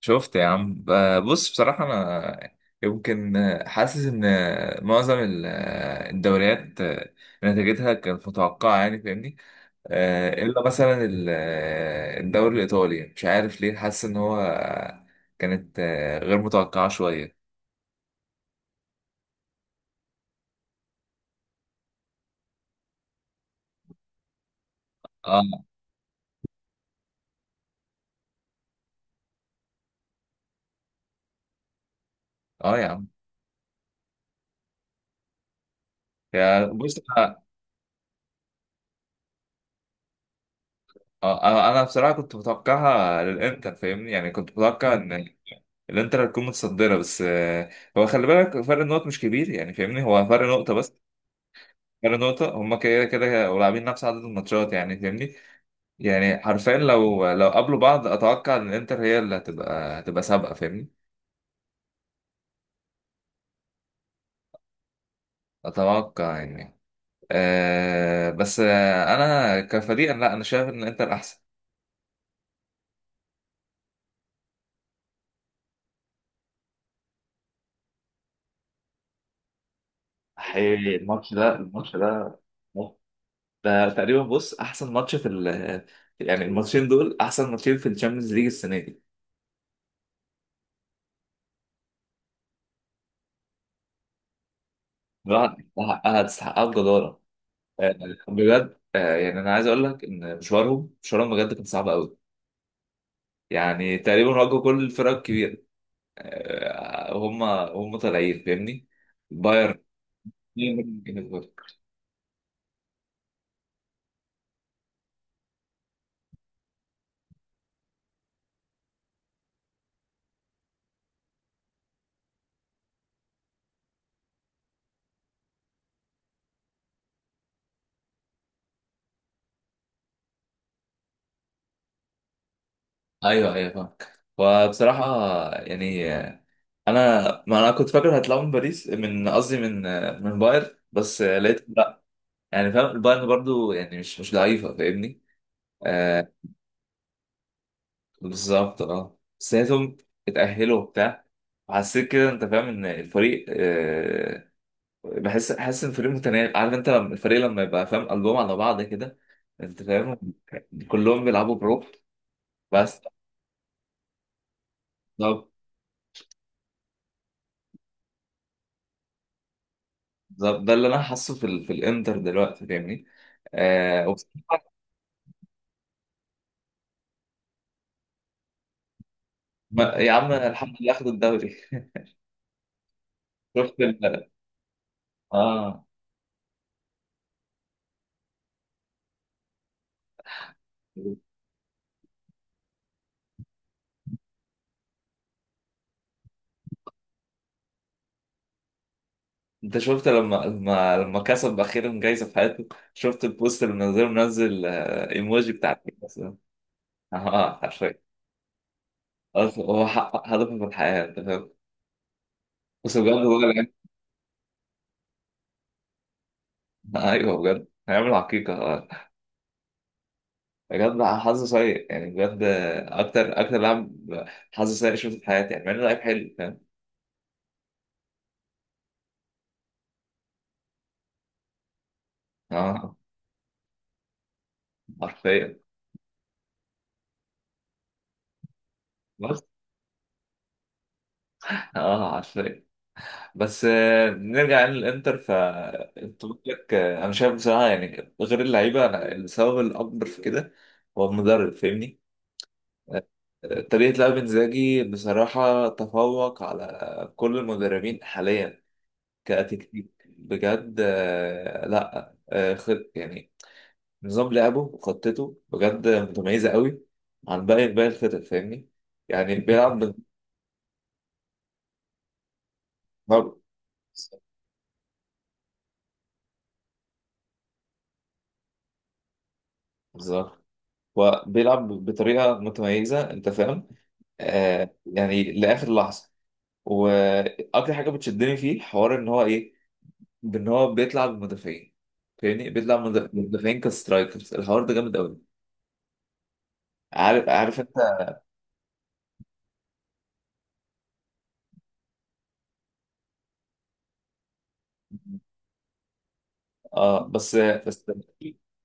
شفت يا عم، بص، بصراحة أنا يمكن حاسس إن معظم الدوريات نتيجتها كانت متوقعة، يعني فاهمني. إلا مثلا الدوري الإيطالي مش عارف ليه حاسس إن هو كانت غير متوقعة شوية. آه. آه يا عم. يا بص أنا آه، آه، أنا بصراحة كنت متوقعها للإنتر فاهمني، يعني كنت متوقع إن الإنتر هتكون متصدرة، بس هو خلي بالك فرق النقط مش كبير يعني فاهمني، هو فرق نقطة بس، غير نقطة هما كده كده، ولاعبين نفس عدد الماتشات يعني فاهمني. يعني حرفيا لو قابلوا بعض أتوقع إن الإنتر هي اللي هتبقى سابقة فاهمني. أتوقع يعني. أه بس آه، أنا كفريق لا، أنا شايف إن الإنتر أحسن. حقيقي الماتش ده ده تقريبا، بص، احسن ماتش في يعني الماتشين دول احسن ماتشين في الشامبيونز ليج السنه دي. بجد تستحقها تستحقها بجداره. آه، بجد، يعني انا عايز اقول لك ان مشوارهم بجد كان صعب قوي. يعني تقريبا واجهوا كل الفرق الكبيرة، هم طالعين فاهمني. بايرن، ليفربول. ايوه ايوه فاهمك، وبصراحة يعني انا، ما انا كنت فاكر هيطلعوا من باريس، من قصدي من من بايرن، بس لقيت لا، يعني فاهم البايرن برضو يعني مش ضعيفة فاهمني. آه. بالظبط، بس لقيتهم اتأهلوا وبتاع. حسيت كده انت فاهم ان الفريق حاسس ان الفريق متناغم، عارف انت لما الفريق لما يبقى فاهم قلبهم على بعض كده، انت فاهم، كلهم بيلعبوا بروح. بس. بالظبط. بالظبط. ده اللي انا حاسه في الانتر دلوقتي فاهمني. وبصراحة. ما... يا عم الحمد لله اخدوا الدوري. شفت ال... اه. انت شفت لما كسب اخيرا جايزه في حياته؟ شفت البوست اللي منزله، منزل ايموجي بتاع الكاس ده؟ اه حرفيا. أصل هو حقق هدفه في الحياه انت فاهم. بس بجد هو. ايوه بجد هيعمل عقيقة آه. بجد بقى حظ سيء يعني، بجد اكتر لاعب حظ سيء شفته في حياتي، يعني مع انه لعيب حلو فاهم. اه حرفيا. بس اه حرفيا. بس نرجع يعني للانتر. ف انت قلت لك، انا شايف بصراحة يعني غير اللعيبة أنا السبب الاكبر في كده هو المدرب فاهمني. طريقة لعب انزاجي بصراحة تفوق على كل المدربين حاليا، كتكتيك بجد، لا، آه، خ-. يعني نظام لعبه وخطته بجد متميزه قوي، عن باقي الفرق فاهمني. يعني بيلعب بال- بالظبط. وبيلعب بطريقه متميزه انت فاهم، يعني لاخر لحظه. واكتر حاجه بتشدني فيه حوار ان هو ايه، بان هو بيطلع بالمدافعين فاهمني، بيطلع بالمدافعين كسترايكرز، الحوار ده جامد قوي. عارف، عارف انت. اه بس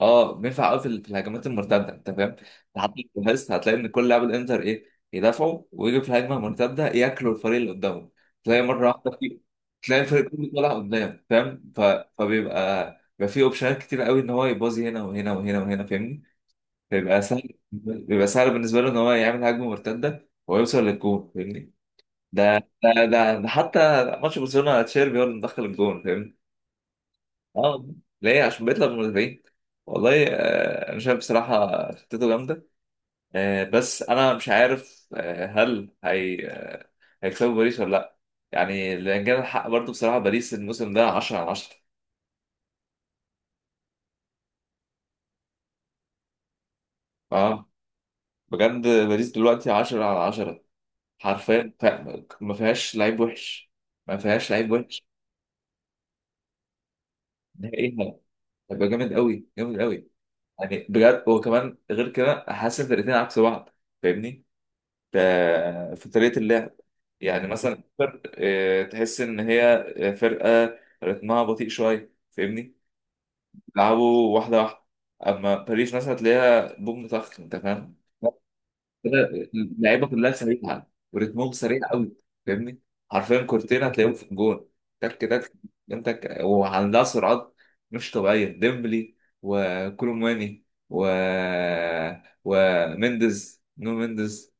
اه بينفع قوي في في الهجمات المرتده انت فاهم. لحد الجهاز هتلاقي ان كل لاعب الانتر ايه، يدافعوا ويجي في الهجمه المرتده ياكلوا الفريق اللي قدامه. تلاقي مره واحده في، تلاقي الفريق كله طالع قدام فاهم. فبيبقى بيبقى فيه اوبشنات كتير قوي ان هو يبوظي هنا وهنا وهنا وهنا فاهمني. بيبقى سهل، بيبقى سهل بالنسبه له ان هو يعمل هجمه مرتده ويوصل للجون فاهمني. ده ده حتى ماتش برشلونه تشيربي هو اللي مدخل الجون فاهمني. اه. ليه؟ عشان بيطلع من المدافعين. والله انا شايف بصراحه خطته جامده. بس انا مش عارف، هل هي هيكسبوا باريس ولا لا؟ يعني لان كان الحق برضه بصراحه باريس الموسم ده 10 على 10. اه، بجد باريس دلوقتي 10 على 10 حرفيا. ما فيهاش لعيب وحش، ما فيهاش لعيب وحش. نهائي هيبقى جامد قوي، جامد قوي. يعني بجد. وكمان غير كده حاسس ان الفرقتين عكس بعض فاهمني، ف- في طريقه اللعب. يعني مثلا تحس ان هي فرقه رتمها بطيء شويه فاهمني، بيلعبوا واحده واحده. اما باريس مثلا هتلاقيها بوم طخ انت فاهم. كده اللعيبه كلها سريعه ورتمهم سريع قوي فاهمني، حرفيا كورتين هتلاقيهم في الجون، تك تك. انت، وعندها سرعات مش طبيعيه، ديمبلي وكولوماني و ومندز، نونو مندز.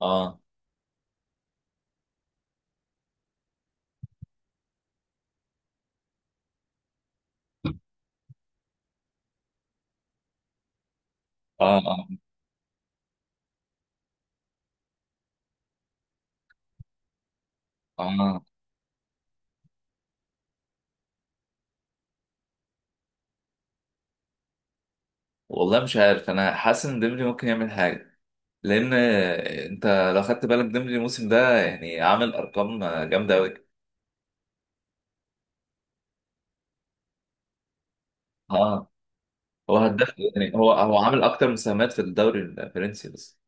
اه. اه. اه. اه والله مش عارف، انا حاسس ان ديمبلي ممكن يعمل حاجه. لان انت لو خدت بالك ديمبلي الموسم ده يعني عامل ارقام جامده قوي. اه. هو هداف يعني، هو عامل اكتر مساهمات في الدوري الفرنسي بس.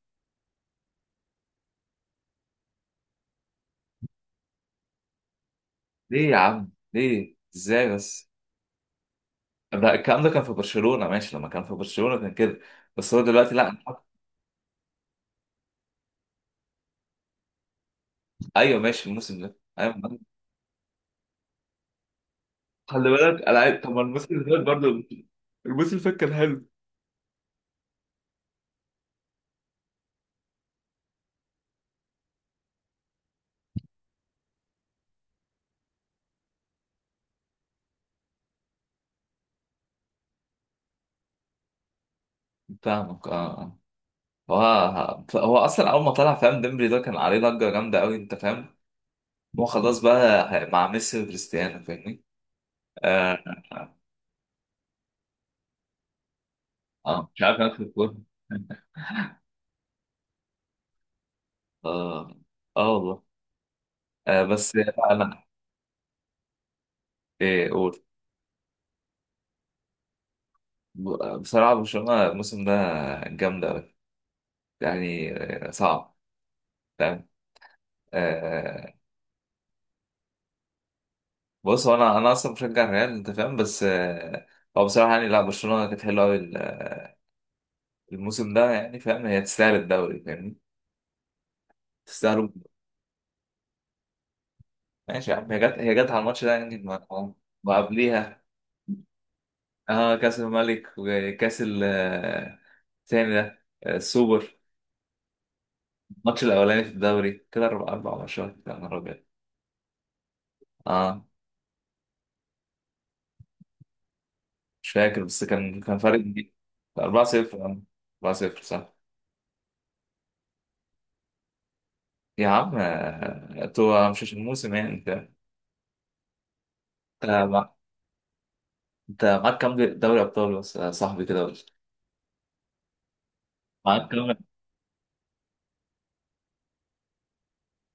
ليه يا عم؟ ليه ازاي بس؟ ده الكلام ده كان في برشلونه، ماشي لما كان في برشلونه كان كده. بس هو دلوقتي لا. ايوه ماشي الموسم ده ايوه. خلي بالك العيب. طب ما الموسم اللي فات برضه، الموسم اللي فات كان حلو. فاهمك اه. هو اصلا اول ما طلع فاهم، ديمبلي ده كان عليه ضجه جامده قوي انت فاهم. هو خلاص بقى مع ميسي وكريستيانو فاهمني. اه. مش عارف اخد الكوره. اه. اه والله. آه بس انا. ايه قول. بصراحه برشلونه الموسم ده جامده قوي يعني، صعب فاهم آه. بص هو انا اصلا بشجع الريال انت فاهم، بس آه، هو بصراحه يعني لا، برشلونه كانت حلوه قوي الموسم ده يعني فاهم، هي تستاهل الدوري فاهمني، تستاهل. ماشي يا عم، هي جت، هي جت على الماتش ده يعني ما-. وقبليها اه كاس الملك وكاس الثاني ده السوبر. الماتش الاولاني في الدوري كده، اربع ماتشات، يا نهار ابيض. اه مش فاكر، بس كان فرق كبير. 4-0. 4-0 صح. يا عم انتوا مش عشان الموسم يعني انت، انت مع- انت معاك كام دوري ابطال بس يا صاحبي، كده بس، معاك كام،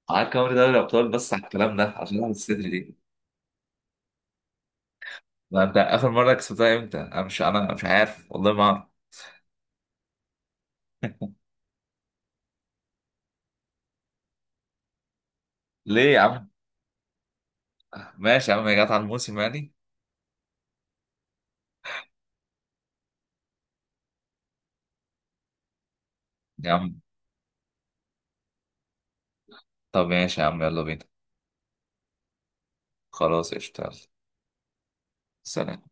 معاك كام دوري ابطال بس على الكلام ده عشان اعمل الصدر. ما انت اخر مره كسبتها امتى؟ انا مش عارف والله، ما اعرف. ليه يا عم؟ ماشي يا عم، هي جت على الموسم يعني. يا عم، طب ماشي يا عم، يلا بينا، خلاص اشتغل، سلام.